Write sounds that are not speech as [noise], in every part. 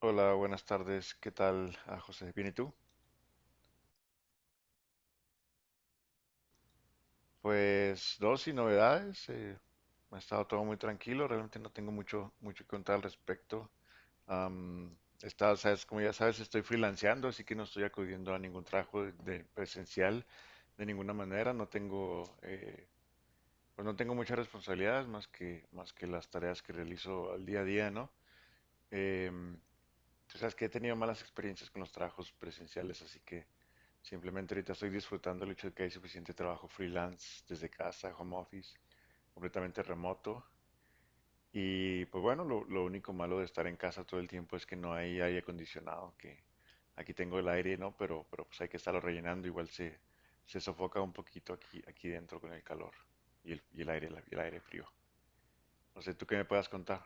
Hola, buenas tardes. ¿Qué tal, ah, José? ¿Bien y tú? Pues dos y novedades. Ha estado todo muy tranquilo. Realmente no tengo mucho mucho que contar al respecto. Am, sabes, como ya sabes, estoy freelanceando, así que no estoy acudiendo a ningún trabajo de presencial de ninguna manera. No tengo, pues no tengo muchas responsabilidades más que las tareas que realizo al día a día, ¿no? Em, Tú sabes que he tenido malas experiencias con los trabajos presenciales, así que simplemente ahorita estoy disfrutando el hecho de que hay suficiente trabajo freelance desde casa, home office, completamente remoto. Y pues bueno, lo único malo de estar en casa todo el tiempo es que no hay aire acondicionado, que aquí tengo el aire, ¿no? Pero pues hay que estarlo rellenando, igual se sofoca un poquito aquí dentro con el calor y el aire, el aire frío. No sé, ¿tú qué me puedas contar?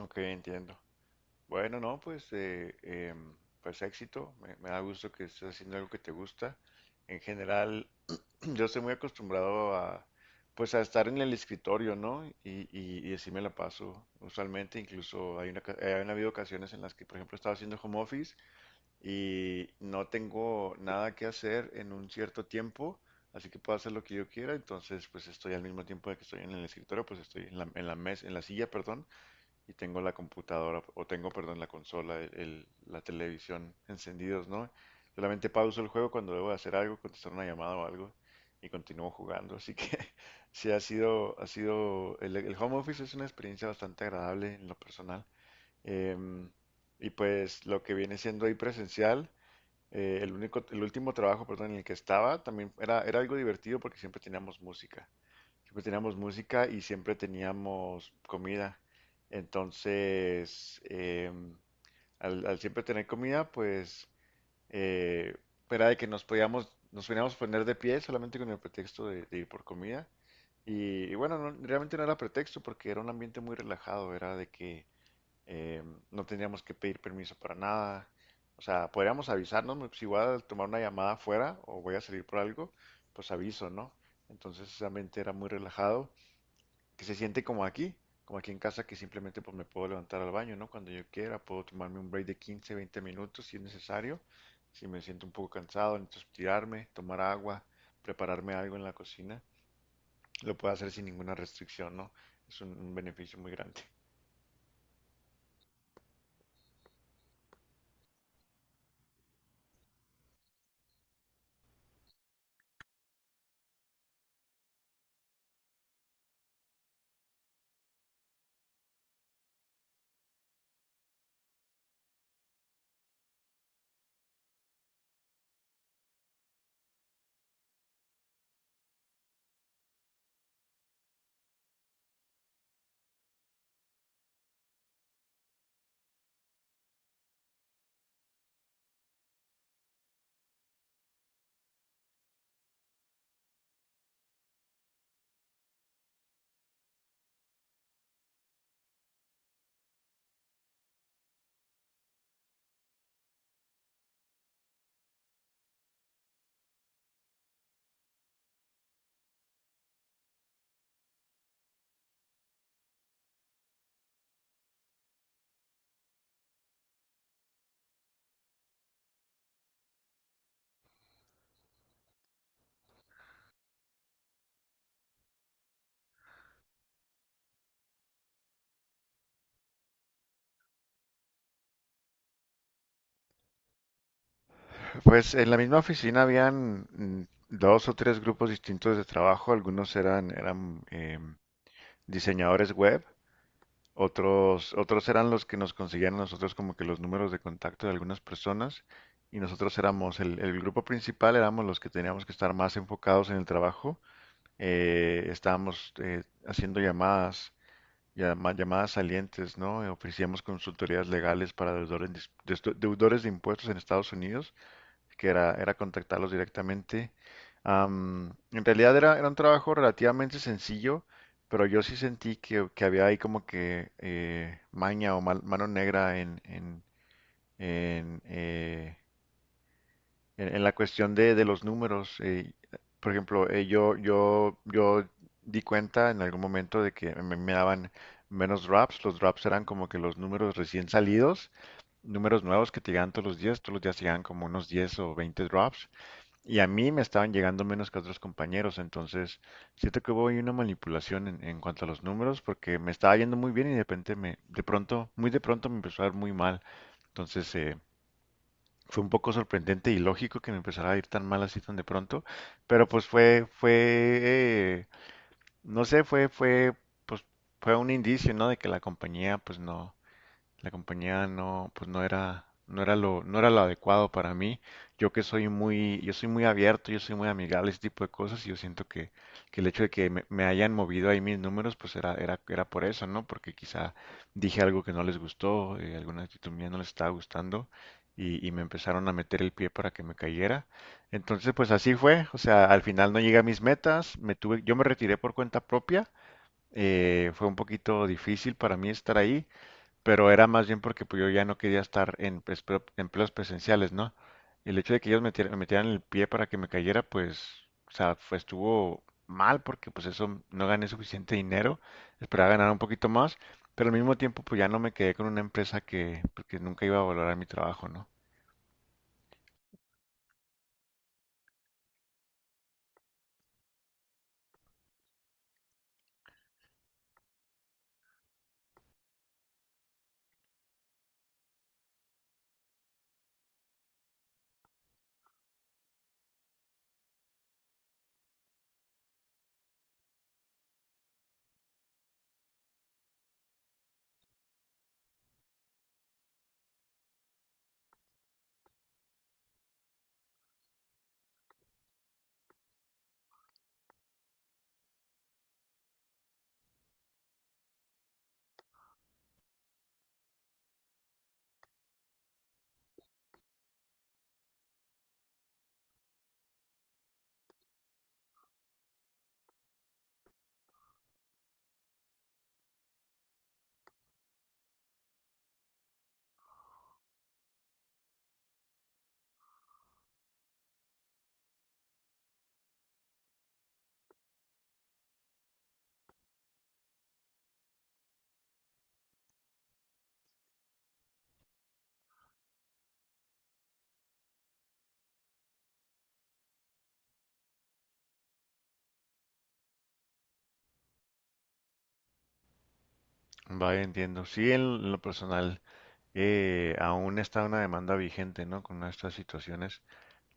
Ok, entiendo. Bueno, no, pues, pues éxito. Me da gusto que estés haciendo algo que te gusta. En general, [clears throat] yo estoy muy acostumbrado a, pues, a estar en el escritorio, ¿no? Y así me la paso. Usualmente, incluso hay han habido ocasiones en las que, por ejemplo, he estado haciendo home office y no tengo nada que hacer en un cierto tiempo, así que puedo hacer lo que yo quiera. Entonces, pues, estoy al mismo tiempo de que estoy en el escritorio, pues estoy en la silla, perdón, y tengo la computadora, o tengo, perdón, la consola, la televisión encendidos, ¿no? Solamente pauso el juego cuando debo de hacer algo, contestar una llamada o algo, y continúo jugando. Así que [laughs] sí el home office es una experiencia bastante agradable en lo personal. Em, y pues lo que viene siendo ahí presencial, el único, el último trabajo, perdón, en el que estaba, también era algo divertido porque siempre teníamos música. Siempre teníamos música y siempre teníamos comida. Entonces, al siempre tener comida, pues eh, era de que nos podíamos poner de pie solamente con el pretexto de ir por comida. Y bueno, realmente no era pretexto porque era un ambiente muy relajado, era de que no teníamos que pedir permiso para nada. O sea, podríamos avisarnos, si voy a tomar una llamada afuera o voy a salir por algo, pues aviso, ¿no? Entonces, ese ambiente era muy relajado que se siente como aquí en casa, que simplemente pues me puedo levantar al baño, ¿no? Cuando yo quiera, puedo tomarme un break de 15, 20 minutos si es necesario, si me siento un poco cansado, necesito estirarme, tomar agua, prepararme algo en la cocina, lo puedo hacer sin ninguna restricción, ¿no? Es un beneficio muy grande. Pues en la misma oficina habían dos o tres grupos distintos de trabajo, algunos eran diseñadores web. Otros, otros eran los que nos conseguían a nosotros como que los números de contacto de algunas personas y nosotros éramos el grupo principal, éramos los que teníamos que estar más enfocados en el trabajo. Estábamos haciendo llamadas, llamadas salientes, ¿no? Ofrecíamos consultorías legales para deudores, de dis- de esto- deudores de impuestos en Estados Unidos, que era contactarlos directamente. En realidad era un trabajo relativamente sencillo, pero yo sí sentí que había ahí como que maña o mano negra en, eh, en la cuestión de los números. Por ejemplo, yo di cuenta en algún momento de que me daban menos drops. Los drops eran como que los números recién salidos, números nuevos que te llegan todos los días te llegan como unos 10 o 20 drops, y a mí me estaban llegando menos que a otros compañeros, entonces siento que hubo ahí una manipulación en cuanto a los números, porque me estaba yendo muy bien y de repente de pronto, muy de pronto me empezó a ir muy mal. Entonces fue un poco sorprendente y lógico que me empezara a ir tan mal así tan de pronto, pero pues eh, no sé, pues fue un indicio, ¿no? De que la compañía pues no, la compañía no, pues no era, no era lo, no era lo adecuado para mí. Yo que soy muy, yo soy muy abierto, yo soy muy amigable, ese tipo de cosas, y yo siento que el hecho de que me hayan movido ahí mis números, pues era por eso, ¿no? Porque quizá dije algo que no les gustó, alguna actitud mía no les estaba gustando, y me empezaron a meter el pie para que me cayera. Entonces, pues así fue. O sea, al final no llegué a mis metas, yo me retiré por cuenta propia. Fue un poquito difícil para mí estar ahí, pero era más bien porque pues, yo ya no quería estar en pues, empleos presenciales, ¿no? El hecho de que ellos me metieran el pie para que me cayera, pues, o sea, estuvo mal porque pues eso no gané suficiente dinero, esperaba ganar un poquito más, pero al mismo tiempo pues ya no me quedé con una empresa que, pues, que nunca iba a valorar mi trabajo, ¿no? Vaya, entiendo. Sí, en lo personal aún está una demanda vigente, ¿no? Con estas situaciones,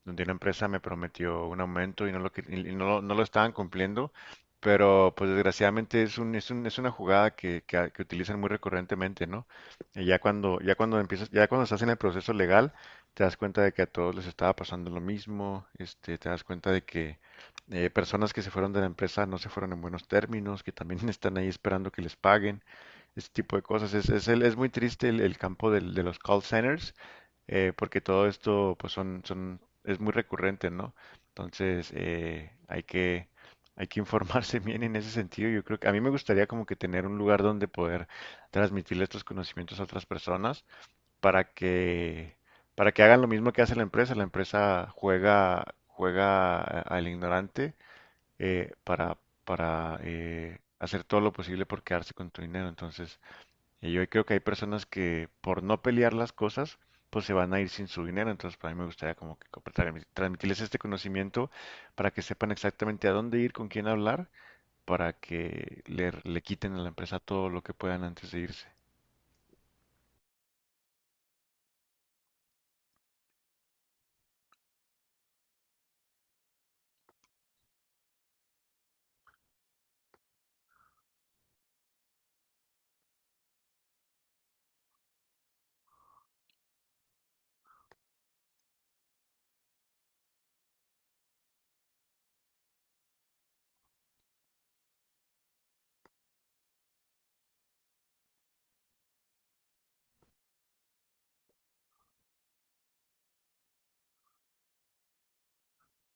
donde una empresa me prometió un aumento y no lo, y no, lo no lo estaban cumpliendo, pero pues desgraciadamente es una jugada que utilizan muy recurrentemente, ¿no? Y ya cuando empiezas, ya cuando estás en el proceso legal, te das cuenta de que a todos les estaba pasando lo mismo, este, te das cuenta de que personas que se fueron de la empresa no se fueron en buenos términos, que también [laughs] están ahí esperando que les paguen, ese tipo de cosas. Es muy triste el campo de los call centers, porque todo esto pues es muy recurrente, ¿no? Entonces hay que informarse [laughs] bien en ese sentido. Yo creo que a mí me gustaría como que tener un lugar donde poder transmitirle estos conocimientos a otras personas para que, para que hagan lo mismo que hace la empresa. La empresa juega al ignorante, eh, para, para hacer todo lo posible por quedarse con tu dinero. Entonces, y yo creo que hay personas que por no pelear las cosas, pues se van a ir sin su dinero. Entonces, para mí me gustaría como que transmitirles este conocimiento para que sepan exactamente a dónde ir, con quién hablar, para que le quiten a la empresa todo lo que puedan antes de irse.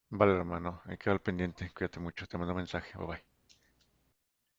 Vale, hermano, hay que al pendiente. Cuídate mucho, te mando mensaje. Bye bye.